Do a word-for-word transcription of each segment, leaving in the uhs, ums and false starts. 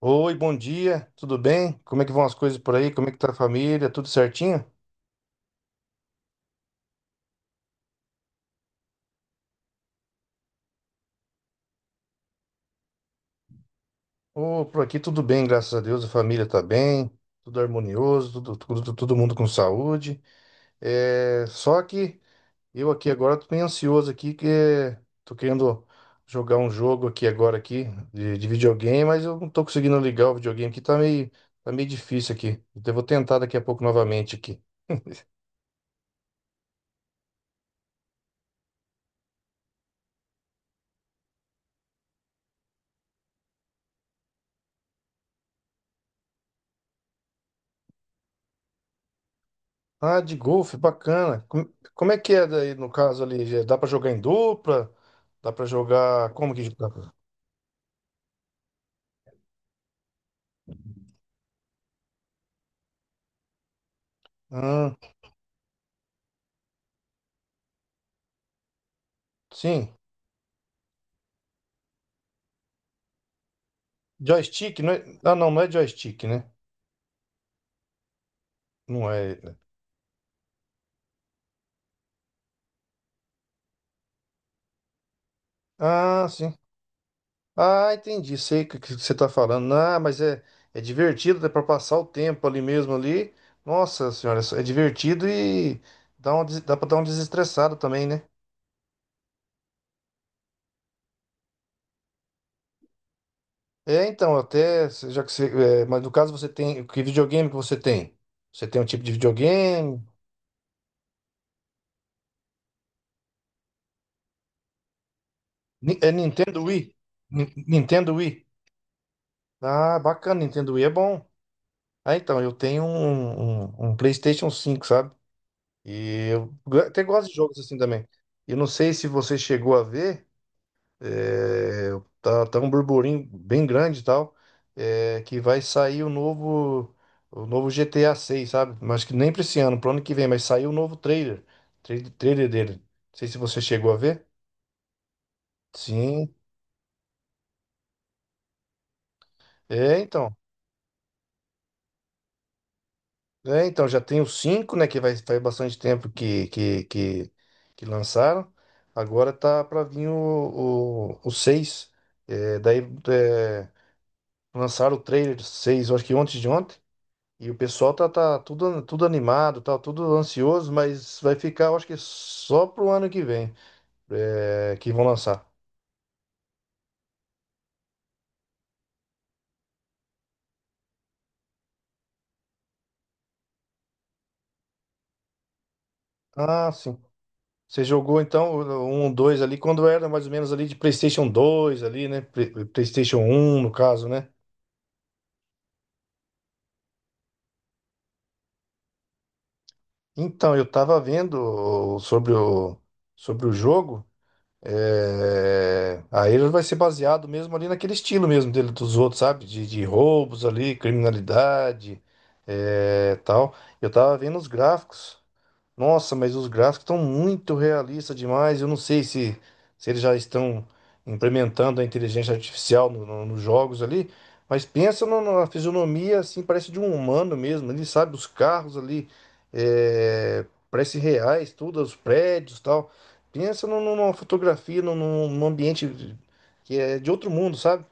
Oi, bom dia, tudo bem? Como é que vão as coisas por aí? Como é que tá a família? Tudo certinho? Ô, por aqui tudo bem, graças a Deus, a família tá bem, tudo harmonioso, tudo, tudo- todo mundo com saúde. É, só que eu aqui agora tô meio ansioso aqui, que é, tô querendo jogar um jogo aqui agora aqui de, de videogame, mas eu não tô conseguindo ligar o videogame aqui, tá meio, tá meio difícil aqui. Então eu vou tentar daqui a pouco novamente aqui. Ah, de golfe, bacana. Como, como é que é daí no caso ali? Já dá pra jogar em dupla? Dá pra jogar. Como que dá pra... Ah, sim. Joystick, não é? Ah, não, não é joystick, né? Não é, né? Ah, sim. Ah, entendi. Sei o que que você tá falando. Ah, mas é, é divertido, é pra passar o tempo ali mesmo ali. Nossa senhora, é divertido e dá, uma, des- dá pra dar uma desestressada também, né? É, então, até, se- já que você, é, mas no caso você tem, que videogame que você tem? Você tem um tipo de videogame? Ni- É Nintendo Wii? Ni- Nintendo Wii? Ah, bacana, Nintendo Wii é bom. Ah, então, eu tenho um, um, um PlayStation cinco, sabe? E eu go- até gosto de jogos assim também. Eu não sei se você chegou a ver. É, tá, tá um burburinho bem grande e tal, é, que vai sair o novo, o novo G T A seis, sabe? Mas que nem pra esse ano, pro ano que vem, mas saiu o novo trailer, trailer, trailer dele. Não sei se você chegou a ver. Sim, é então. É, então, já tem o cinco, né, que vai, faz bastante tempo que, que, que, que lançaram. Agora tá pra vir o, o, o seis. É, daí é, lançaram o trailer seis, eu acho que ontem de ontem. E o pessoal tá, tá tudo, tudo animado, tá tudo ansioso, mas vai ficar, eu acho que só pro ano que vem, é, que vão lançar. Ah, sim. Você jogou então o- um, dois ali quando era mais ou menos ali de PlayStation dois ali, né? Pre- PlayStation um no caso, né? Então, eu tava vendo sobre o, sobre o jogo. É, aí ele vai ser baseado mesmo ali naquele estilo mesmo dele dos outros, sabe? De, de roubos ali, criminalidade, é, tal. Eu tava vendo os gráficos. Nossa, mas os gráficos estão muito realistas demais. Eu não sei se, se eles já estão implementando a inteligência artificial no- no- nos jogos ali, mas pensa no- na fisionomia, assim, parece de um humano mesmo. Ele sabe, os carros ali, é, parece reais, tudo, os prédios e tal. Pensa num- numa fotografia, num, num num ambiente que é de outro mundo, sabe?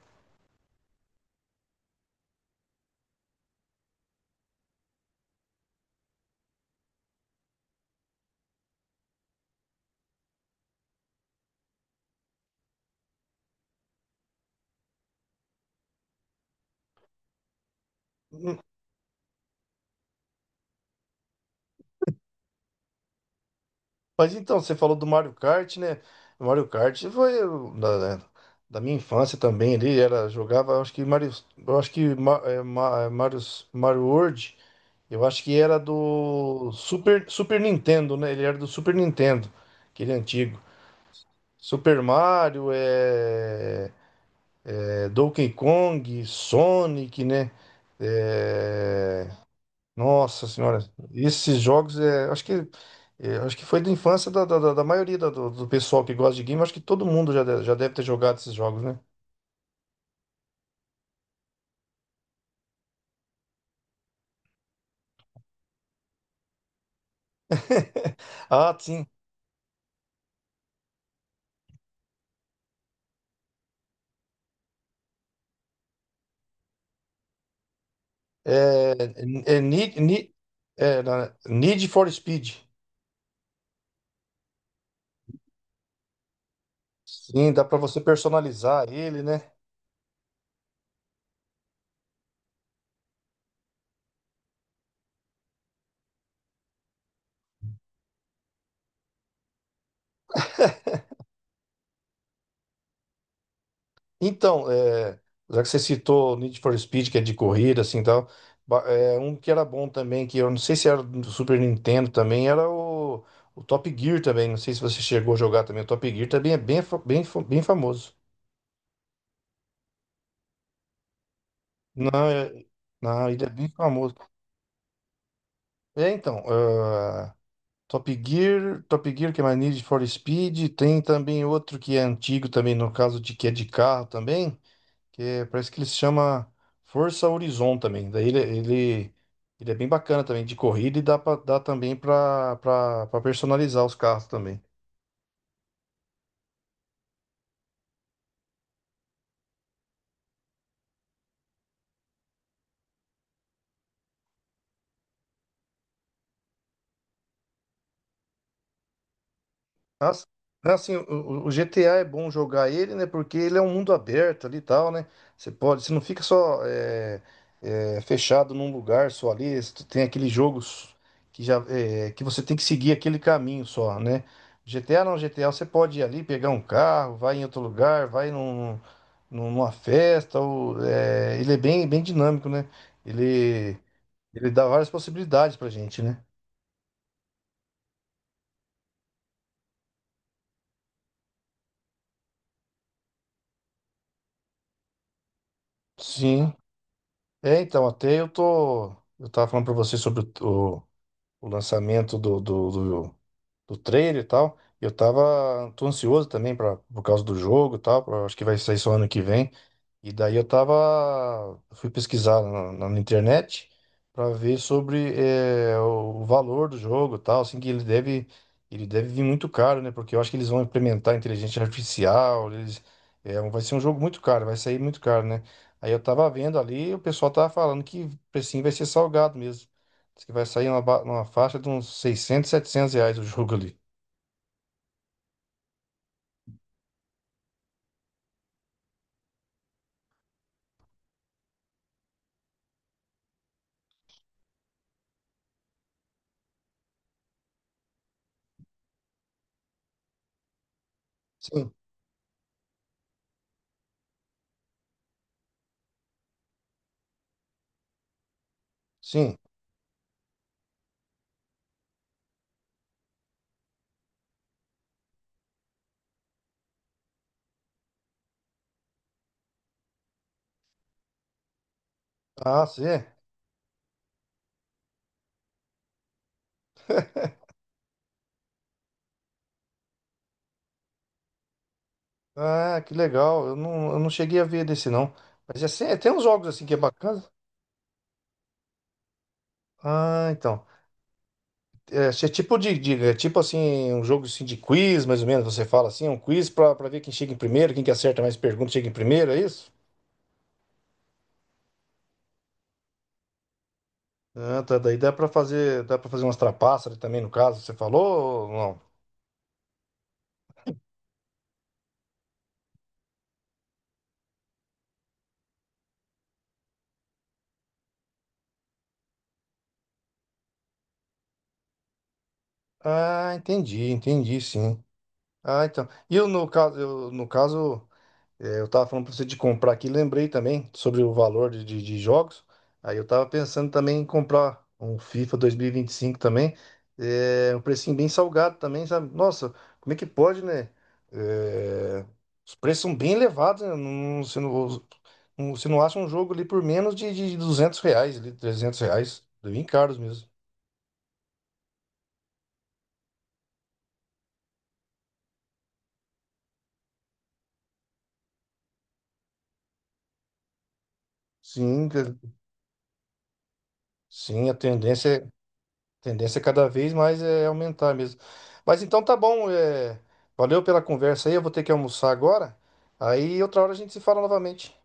Mas então, você falou do Mario Kart, né? O Mario Kart foi eu, da, da- da minha infância também ali, era, jogava, acho que Mario, eu acho que Ma- é, Ma- é, Mario, Mario World, eu acho que era do Super, Super Nintendo, né? Ele era do Super Nintendo, aquele antigo. Super Mario, é, é, Donkey Kong, Sonic, né? É, nossa senhora, esses jogos é, acho que é, acho que foi da infância da, da, da- da maioria da- do, do pessoal que gosta de game, acho que todo mundo já, de- já deve ter jogado esses jogos, né? Ah, sim. É, é Need, Need, é, na- Need for Speed. Sim, dá pra você personalizar ele, né? Então, é, já que você citou o Need for Speed, que é de corrida, assim, tal, ba- é, um que era bom também, que eu não sei se era do Super Nintendo também, era o, o Top Gear também, não sei se você chegou a jogar também, o Top Gear também é bem, fa- bem, fa- bem famoso. Não, é- não, ele é bem famoso. É, então, ah, Top Gear, Top Gear, que é mais Need for Speed, tem também outro que é antigo também, no caso de que é de carro também, que é- parece que ele se chama Forza Horizon também. Daí ele, ele, ele é bem bacana também de corrida e dá, pra, dá também para personalizar os carros também. Nossa, né, assim, o, o- o G T A é bom jogar ele, né? Porque ele é um mundo aberto ali e tal, né? Você pode, você não fica só é, é, fechado num lugar só ali. Você tem aqueles jogos que já é, que você tem que seguir aquele caminho só, né? G T A não, G T A você pode ir ali, pegar um carro, vai em outro lugar, vai num, num- numa festa. Ou, é, ele é bem, bem dinâmico, né? Ele, ele dá várias possibilidades pra gente, né? Sim. É, então, até eu tô. Eu tava falando pra você sobre o, o- o lançamento do, do, do, do trailer e tal. Eu tava. Tô ansioso também pra, por causa do jogo e tal. Pra- acho que vai sair só ano que vem. E daí eu tava, fui pesquisar na, na- na internet para ver sobre eh, o, o valor do jogo, e tal, assim que ele deve, ele deve vir muito caro, né? Porque eu acho que eles vão implementar inteligência artificial, eles, é, vai ser um jogo muito caro, vai sair muito caro, né? Aí eu tava vendo ali, o pessoal tava falando que o precinho vai ser salgado mesmo. Diz que vai sair uma, ba- uma faixa de uns seiscentos setecentos reais o jogo ali. Sim, sim. Ah, sim. Ah, que legal. Eu não, eu não cheguei a ver desse, não. Mas é, assim, é, tem uns jogos assim que é bacana. Ah, então. É, se é tipo de, de- é tipo assim, um jogo assim de quiz, mais ou menos, você fala assim, um quiz pra, pra ver quem chega em primeiro, quem que acerta mais perguntas chega em primeiro, é isso? Ah, tá. Daí dá pra fazer, dá pra fazer umas trapaças também, no caso, você falou ou não? Ah, entendi, entendi, sim. Ah, então. E eu, no caso, eu, no caso. É, eu tava falando pra você de comprar aqui, lembrei também sobre o valor de, de, de jogos. Aí eu tava pensando também em comprar um FIFA dois mil e vinte e cinco também. É, um precinho bem salgado também, sabe? Nossa, como é que pode, né? É, os preços são bem elevados, né? Não, você não, não- você não acha um jogo ali por menos de, de duzentos reais, ali, trezentos reais. Bem caros mesmo. Sim, cara. Sim, a tendência é. Tendência é cada vez mais é aumentar mesmo. Mas então tá bom, é, valeu pela conversa aí. Eu vou ter que almoçar agora. Aí outra hora a gente se fala novamente.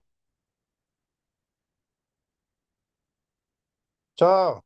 Tchau.